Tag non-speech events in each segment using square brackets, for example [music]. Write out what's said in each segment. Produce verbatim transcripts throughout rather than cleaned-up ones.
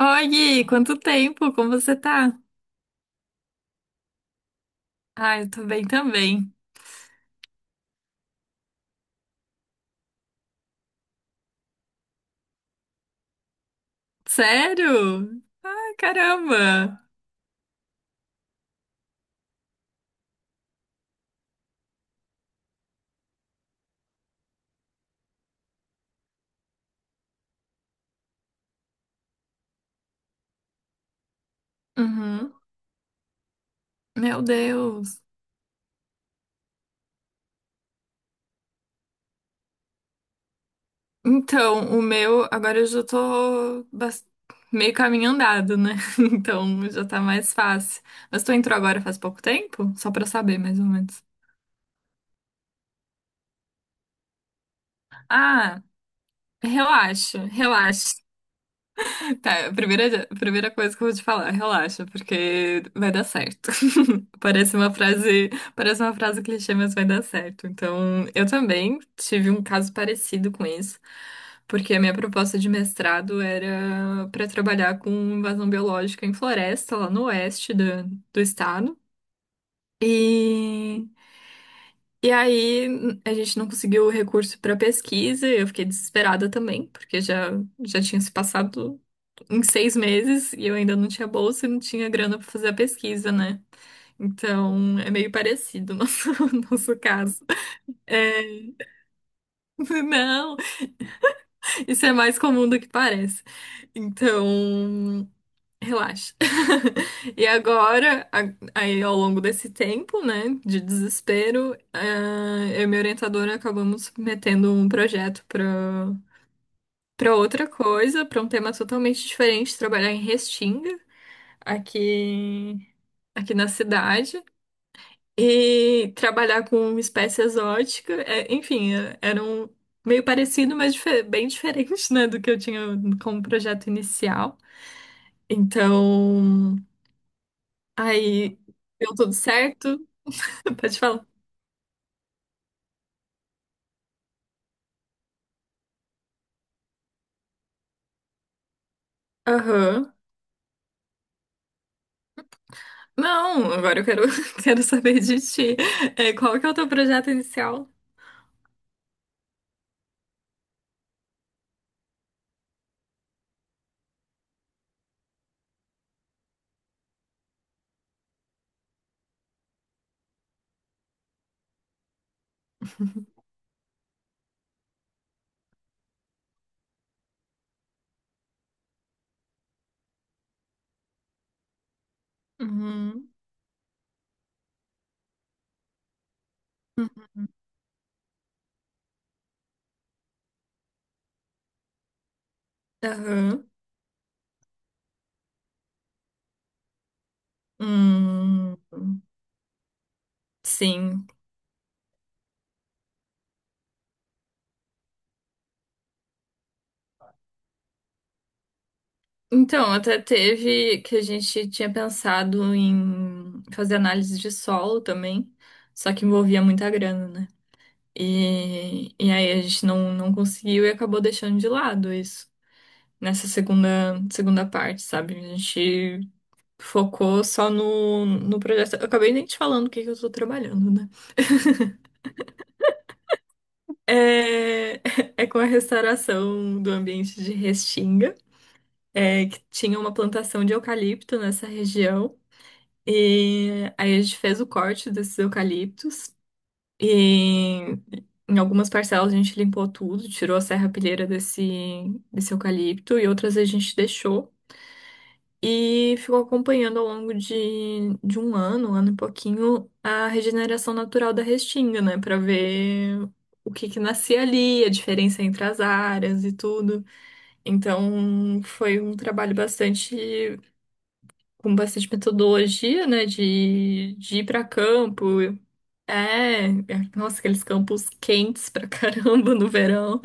Oi, Gui, quanto tempo? Como você tá? Ah, eu tô bem também. Sério? Ah, caramba! Uhum. Meu Deus. Então, o meu, agora eu já tô bas- meio caminho andado, né? [laughs] Então já tá mais fácil. Mas tu entrou agora faz pouco tempo? Só pra saber, mais ou menos. Ah, relaxa, relaxa. Tá, a primeira, a primeira coisa que eu vou te falar, relaxa, porque vai dar certo. [laughs] Parece uma frase, parece uma frase clichê, mas vai dar certo. Então, eu também tive um caso parecido com isso, porque a minha proposta de mestrado era para trabalhar com invasão biológica em floresta, lá no oeste da- do estado. E, e aí a gente não conseguiu o recurso para pesquisa, eu fiquei desesperada também, porque já, já tinha se passado em seis meses e eu ainda não tinha bolsa e não tinha grana para fazer a pesquisa, né? Então é meio parecido o nosso, [laughs] nosso caso. É, [laughs] não, isso é mais comum do que parece. Então, relaxa. [laughs] E agora, a- aí ao longo desse tempo, né, de desespero, eh, eu e minha orientadora acabamos submetendo um projeto para para outra coisa, para um tema totalmente diferente, trabalhar em Restinga aqui aqui na cidade e trabalhar com uma espécie exótica. É, enfim, é- era um meio parecido, mas dife- bem diferente, né, do que eu tinha como projeto inicial. Então, aí deu tudo certo. [laughs] Pode falar. Aham. Não, agora eu quero, [laughs] quero saber de ti. É, qual que é o teu projeto inicial? Uhum. Aham. Hum, sim. Então, até teve que a gente tinha pensado em fazer análise de solo também, só que envolvia muita grana, né? E, e aí a gente não, não conseguiu e acabou deixando de lado isso nessa segunda, segunda parte, sabe? A gente focou só no, no projeto. Eu acabei nem te falando o que que eu tô trabalhando, né? É, [laughs] é com a restauração do ambiente de Restinga, é, que tinha uma plantação de eucalipto nessa região. E aí a gente fez o corte desses eucaliptos e em algumas parcelas a gente limpou tudo, tirou a serrapilheira desse, desse eucalipto e outras a gente deixou e ficou acompanhando ao longo de, de um ano, um ano e pouquinho, a regeneração natural da restinga, né? Pra ver o que que nascia ali, a diferença entre as áreas e tudo. Então foi um trabalho bastante com bastante metodologia, né, de, de ir para campo. É, é, nossa, aqueles campos quentes pra [laughs] caramba no verão,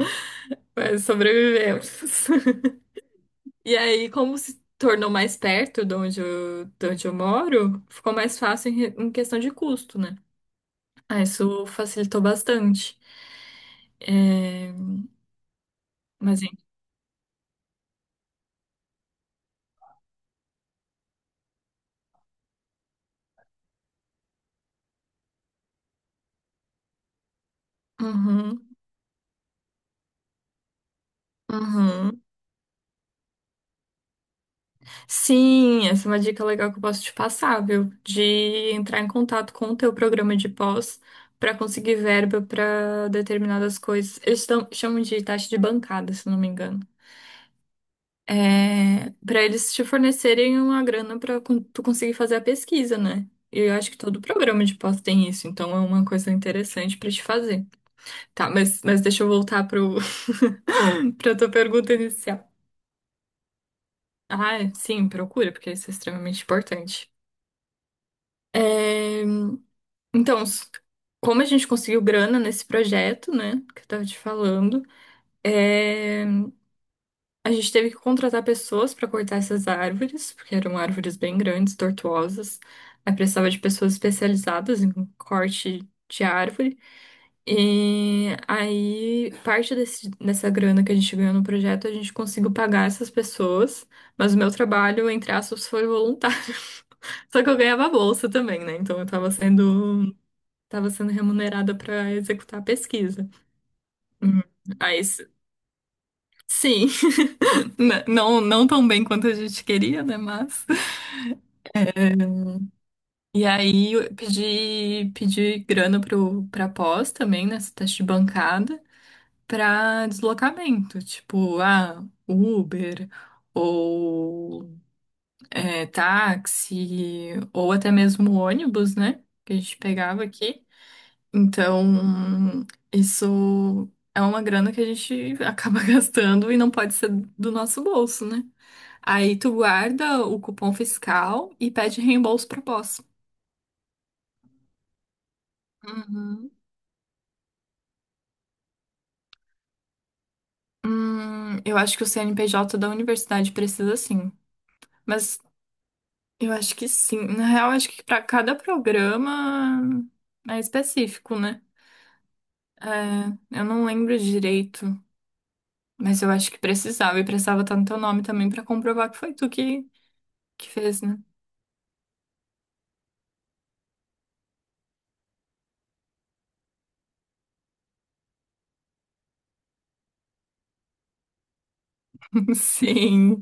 mas sobrevivemos. [laughs] E aí, como se tornou mais perto de onde eu, de onde eu moro, ficou mais fácil em, re- em questão de custo, né? Ah, isso facilitou bastante. É, mas, hein, uhum, uhum. Sim, essa é uma dica legal que eu posso te passar, viu? De entrar em contato com o teu programa de pós para conseguir verba para determinadas coisas. Eles estão, chamam de taxa de bancada, se não me engano. É, para eles te fornecerem uma grana para tu conseguir fazer a pesquisa, né? E eu acho que todo programa de pós tem isso, então é uma coisa interessante para te fazer. Tá, mas, mas deixa eu voltar pro [laughs] para tua pergunta inicial. Ah, é? Sim, procura, porque isso é extremamente importante. é Então, s- como a gente conseguiu grana nesse projeto, né, que eu tava te falando, é, a gente teve que contratar pessoas para cortar essas árvores, porque eram árvores bem grandes, tortuosas. Aí precisava de pessoas especializadas em corte de árvore. E aí, parte desse- dessa grana que a gente ganhou no projeto, a gente conseguiu pagar essas pessoas, mas o meu trabalho, entre aspas, foi voluntário. [laughs] Só que eu ganhava bolsa também, né? Então eu tava sendo estava sendo remunerada para executar a pesquisa. Hum, Aí, s- sim, [laughs] n- não, não tão bem quanto a gente queria, né? Mas. E aí eu pedi, pedi grana pro, pra pós também, nessa teste de bancada, pra deslocamento, tipo, ah, Uber, ou é, táxi, ou até mesmo ônibus, né? Que a gente pegava aqui. Então, isso é uma grana que a gente acaba [laughs] gastando e não pode ser do nosso bolso, né? Aí tu guarda o cupom fiscal e pede reembolso pro pós. Uhum. Hum, eu acho que o C N P J da universidade precisa sim. Mas eu acho que sim. Na real, eu acho que para cada programa é específico, né? É, eu não lembro direito, mas eu acho que precisava e precisava estar no teu nome também para comprovar que foi tu que, que fez, né? [laughs] Sim,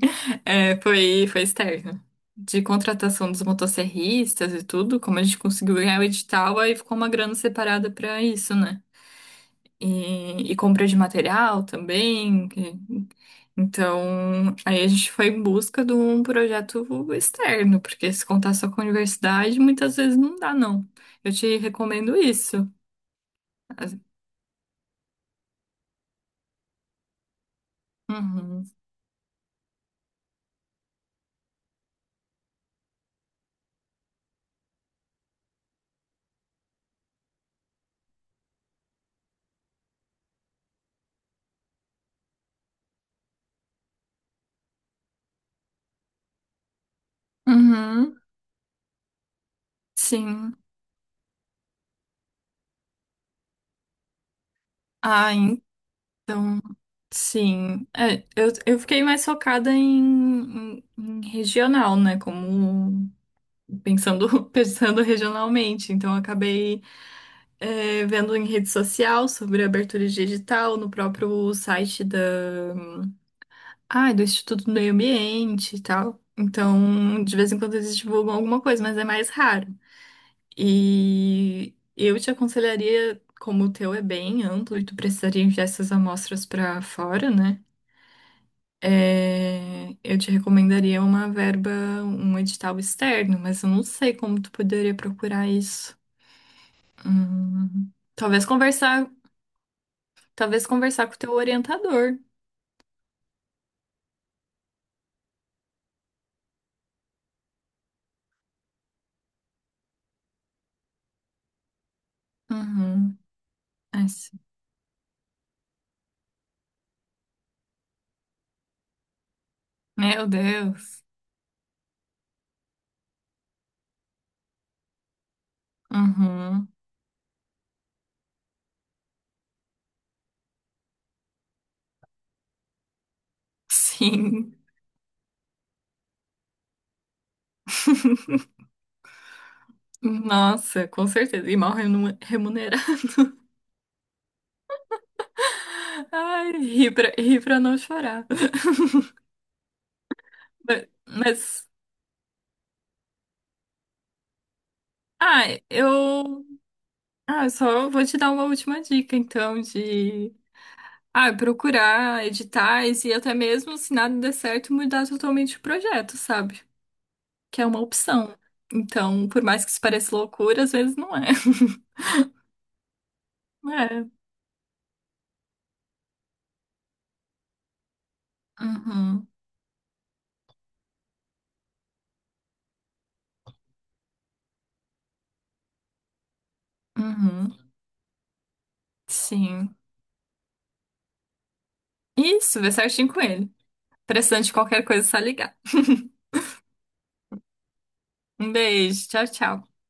é, foi, foi externo. De contratação dos motosserristas e tudo, como a gente conseguiu ganhar o edital, aí ficou uma grana separada para isso, né? E, e compra de material também. que- Então, aí a gente foi em busca de um projeto externo, porque se contar só com a universidade, muitas vezes não dá, não. Eu te recomendo isso. As- Uhum. Uhum. Sim. Ah, então. Sim, é, eu, eu fiquei mais focada em, em- em regional, né? Como pensando, [laughs] pensando regionalmente. Então, eu acabei é, vendo em rede social sobre abertura digital no próprio site da, ah, do Instituto do Meio Ambiente e tal. Então, de vez em quando eles divulgam alguma coisa, mas é mais raro. E eu te aconselharia, como o teu é bem amplo e tu precisaria enviar essas amostras para fora, né? É, eu te recomendaria uma verba, um edital externo, mas eu não sei como tu poderia procurar isso. Hum, talvez conversar, talvez conversar com o teu orientador. Uhum. Ai, sim. Meu Deus. Uhum. Sim. [laughs] Nossa, com certeza. E mal remu- remunerado. [laughs] Ai, ri pra, ri pra não chorar. Mas, mas, ah, eu, ah, eu só vou te dar uma última dica, então, de Ah, procurar editais e até mesmo, se nada der certo, mudar totalmente o projeto, sabe? Que é uma opção. Então, por mais que isso pareça loucura, às vezes não é. [laughs] É. Uhum. Uhum. Sim. Isso, vê certinho com ele. Precisando de qualquer coisa, é só ligar. Um beijo. Tchau, tchau.